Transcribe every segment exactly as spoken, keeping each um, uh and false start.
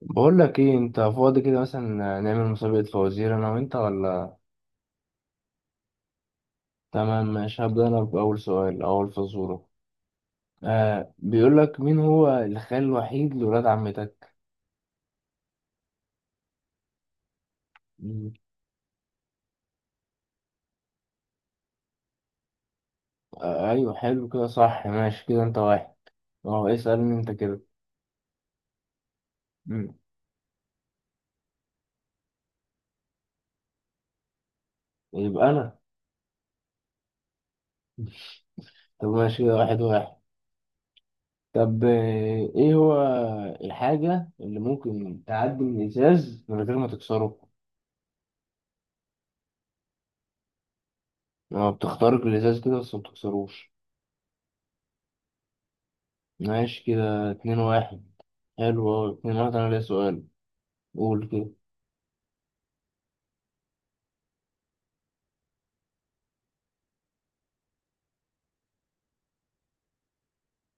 بقول لك ايه؟ انت فاضي كده مثلا؟ نعمل مسابقة فوازير انا وانت؟ ولا تمام؟ ماشي، هبدأ انا بأول سؤال، اول فزورة. آه، بيقول لك مين هو الخال الوحيد لولاد عمتك؟ مم. آه ايوه، حلو كده، صح، ماشي كده، انت واحد. اه، اسألني انت كده. مم. يبقى انا. طب ماشي كده، واحد واحد. طب آه، ايه هو الحاجة اللي ممكن تعدي من الازاز من غير ما تكسره؟ اه، بتخترق الازاز كده بس ما بتكسروش. ماشي كده اتنين واحد. حلو أوي، اتنين واحد، أنا ليا سؤال. قول كده.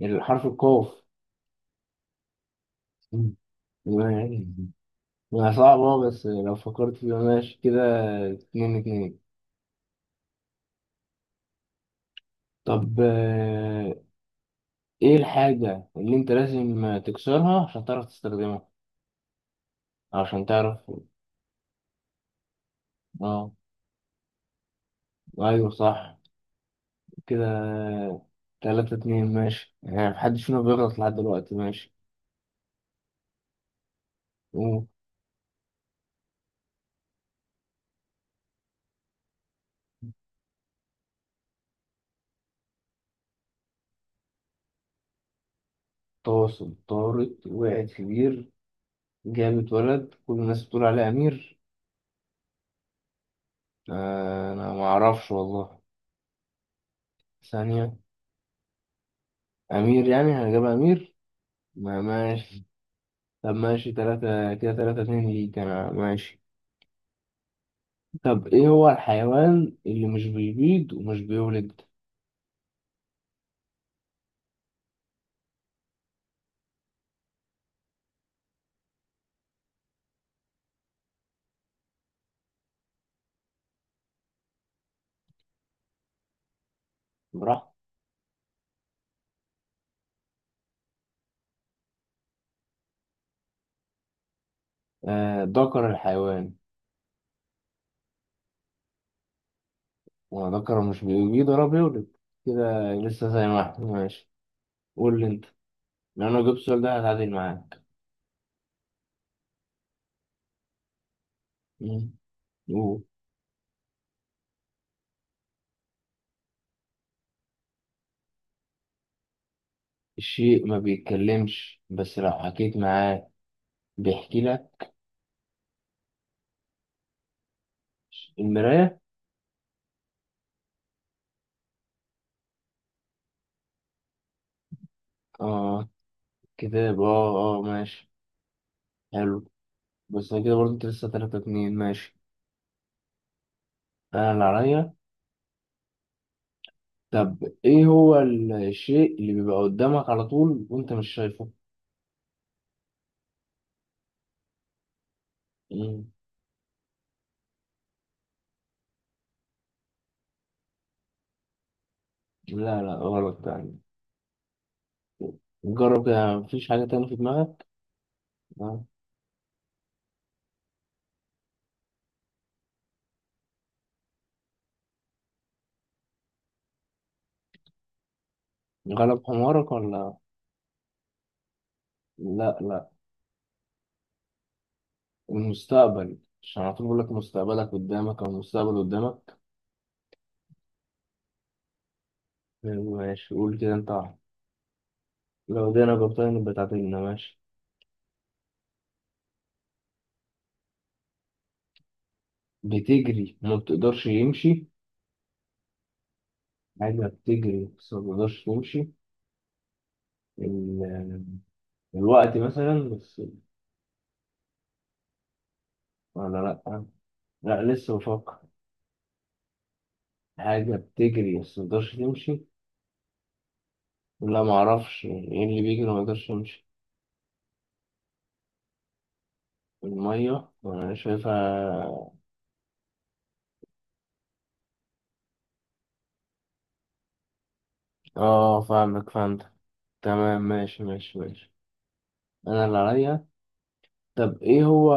الحرف القاف. مم. ماشي، ما صعب أه بس لو فكرت فيها، ماشي كده اتنين اتنين. طب آه، إيه الحاجة اللي أنت لازم تكسرها عشان تعرف تستخدمها عشان تعرف؟ أه. أيوه صح. كده تلاتة اتنين، ماشي، يعني محدش فينا بيغلط لحد دلوقتي، ماشي. قول. تواصل طارت وقعت في بير، جابت ولد، كل الناس بتقول عليه أمير. آه، انا ما اعرفش والله. ثانية. امير، يعني هنجيب امير. ما ماشي. طب ماشي تلاتة كده، تلاتة اتنين ليك انا، ماشي. طب ايه هو الحيوان اللي مش بيبيض ومش بيولد؟ براحته. آه، ذكر الحيوان. هو ذكر، مش بيبيض ولا بيولد. كده لسه زي ما احنا، ماشي. قول لي انت. لو انا جبت السؤال ده هتعادل معاك. مم. قول. الشيء ما بيتكلمش بس لو حكيت معاه بيحكي لك. المراية. اه، كتاب، اه اه، ماشي، حلو. بس انا كده برضه، انت لسه تلاتة اتنين، ماشي. انا اللي عليا. طب ايه هو الشيء اللي بيبقى قدامك على طول وانت مش شايفه؟ مم. لا لا، غلط يعني. جرب كده، مفيش حاجة تانية في دماغك؟ آه. غلب حمارك؟ ولا. لا لا، المستقبل. عشان على طول بقول لك مستقبلك قدامك، او المستقبل قدامك. ماشي، قول كده، انت واحد. لو دينا جبتها نبقى تعادلنا، ماشي. بتجري وما بتقدرش يمشي. حاجة بتجري بس ما بقدرش تمشي. ال- الوقت مثلا، بس، ولا؟ لأ. لأ لسه بفكر. حاجة بتجري بس ما بقدرش تمشي. لا معرفش ايه اللي بيجري ما بقدرش يمشي. المية؟ أنا شايفها. اه فاهمك، فهمت. تمام، ماشي ماشي ماشي. أنا اللي عليا. طب ايه هو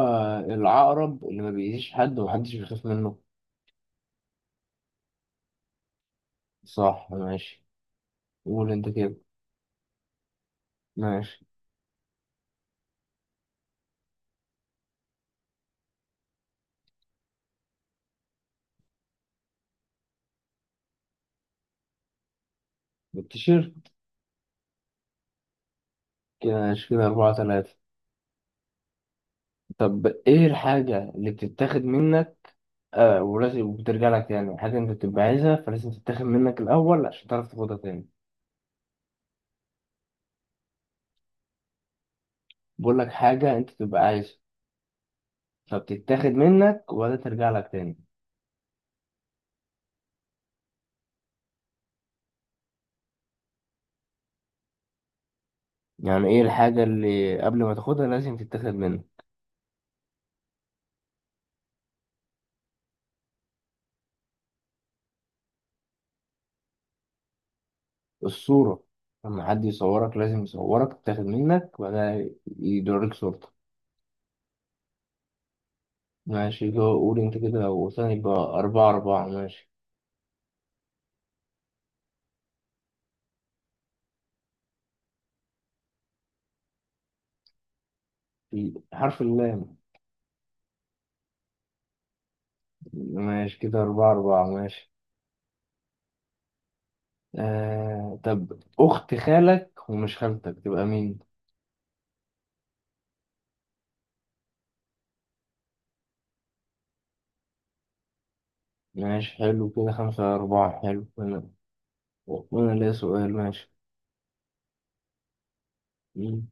العقرب اللي ما بيأذيش حد ومحدش بيخاف منه؟ صح، ماشي. قول انت كده، ماشي. بتشير. كده، ماشي كده أربعة تلاتة. طب ايه الحاجة اللي بتتاخد منك آه ولازم وبترجع لك تاني، حاجة انت بتبقى عايزها فلازم تتاخد منك الأول عشان تعرف تاخدها تاني. بقول لك حاجة انت تبقى عايزها فبتتاخد منك ولا ترجع لك تاني. يعني ايه الحاجة اللي قبل ما تاخدها لازم تتاخد منك؟ الصورة. لما حد يصورك لازم يصورك، تتاخد منك وبعدها يدوريك صورتك. ماشي، جو- قول انت كده وثاني، يبقى أربعة أربعة، ماشي. حرف اللام. ماشي كده أربعة أربعة، ماشي. آه، طب أخت خالك ومش خالتك تبقى مين؟ ماشي، حلو كده، خمسة على أربعة، حلو، وأنا وأنا ليا سؤال، ماشي. مين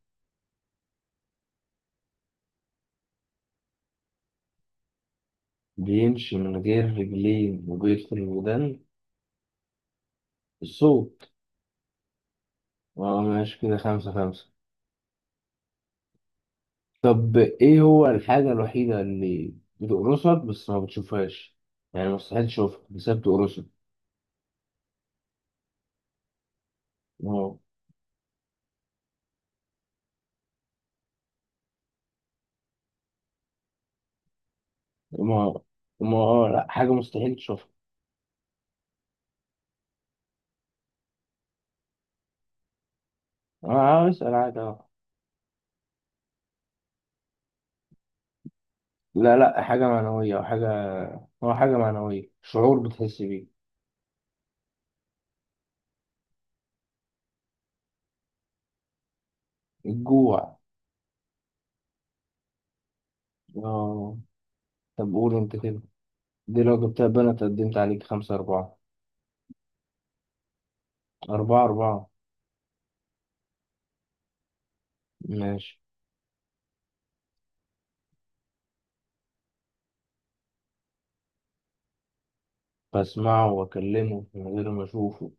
بيمشي من غير رجلين وبيدخل الودان؟ الصوت. اه، ماشي كده خمسة خمسة. طب إيه هو الحاجة الوحيدة اللي بتقرصك بس ما بتشوفهاش؟ يعني مستحيل تشوفها بس هي بتقرصك. ما ما ما آه، لا، حاجة مستحيل تشوفها. أه آه، اسأل عادي، أه. لا لا، حاجة معنوية أو حاجة، هو حاجة معنوية، شعور بتحس بيه. الجوع. اه. طب قول انت كده، دي لو جبتها بنت قدمت عليك، خمسة أربعة. أربعة أربعة، ماشي. بسمعه وأكلمه من غير ما أشوفه،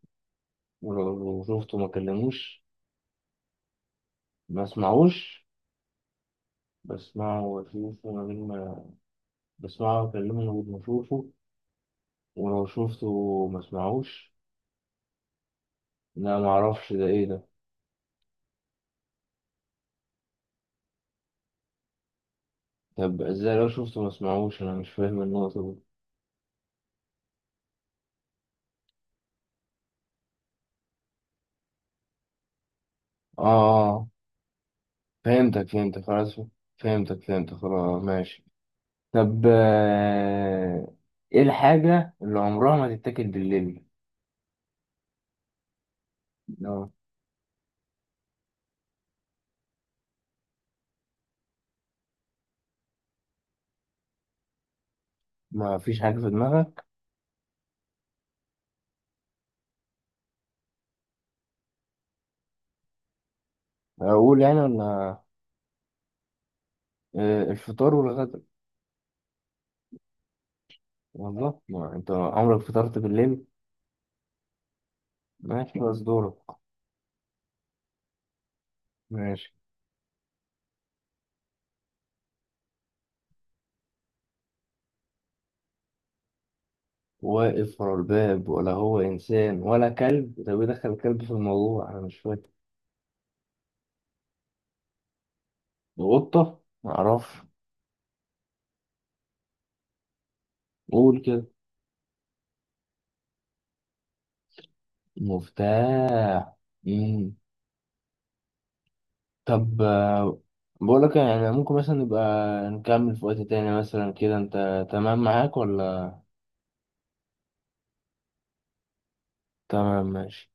ولو شفته ما أكلموش. ما أسمعوش. بسمعه وأشوفه من غير ما بسمعه وأكلمه من غير ما أشوفه، ولو شفته ما أسمعوش. لا معرفش ده، إيه ده؟ طب إزاي لو شفته ما أسمعوش؟ أنا مش فاهم النقطة دي. آه آه. فهمتك فهمتك خلاص. فهمتك فهمتك خلاص، ماشي. طب آه، ايه الحاجة اللي عمرها ما تتاكل بالليل؟ لو ما فيش حاجة في دماغك اقول، يعني، ولا؟ آه، الفطار والغدا. والله ما انت عمرك فطرت بالليل. ماشي خلاص، دورك. ماشي. واقف ورا الباب، ولا هو انسان ولا كلب؟ طب ايه دخل الكلب في الموضوع؟ انا مش فاكر. قطة؟ معرفش. قول كده. مفتاح. مم. طب آه، بقول لك، يعني ممكن مثلا نبقى نكمل في وقت تاني مثلا، كده انت تمام معاك ولا؟ تمام، ماشي.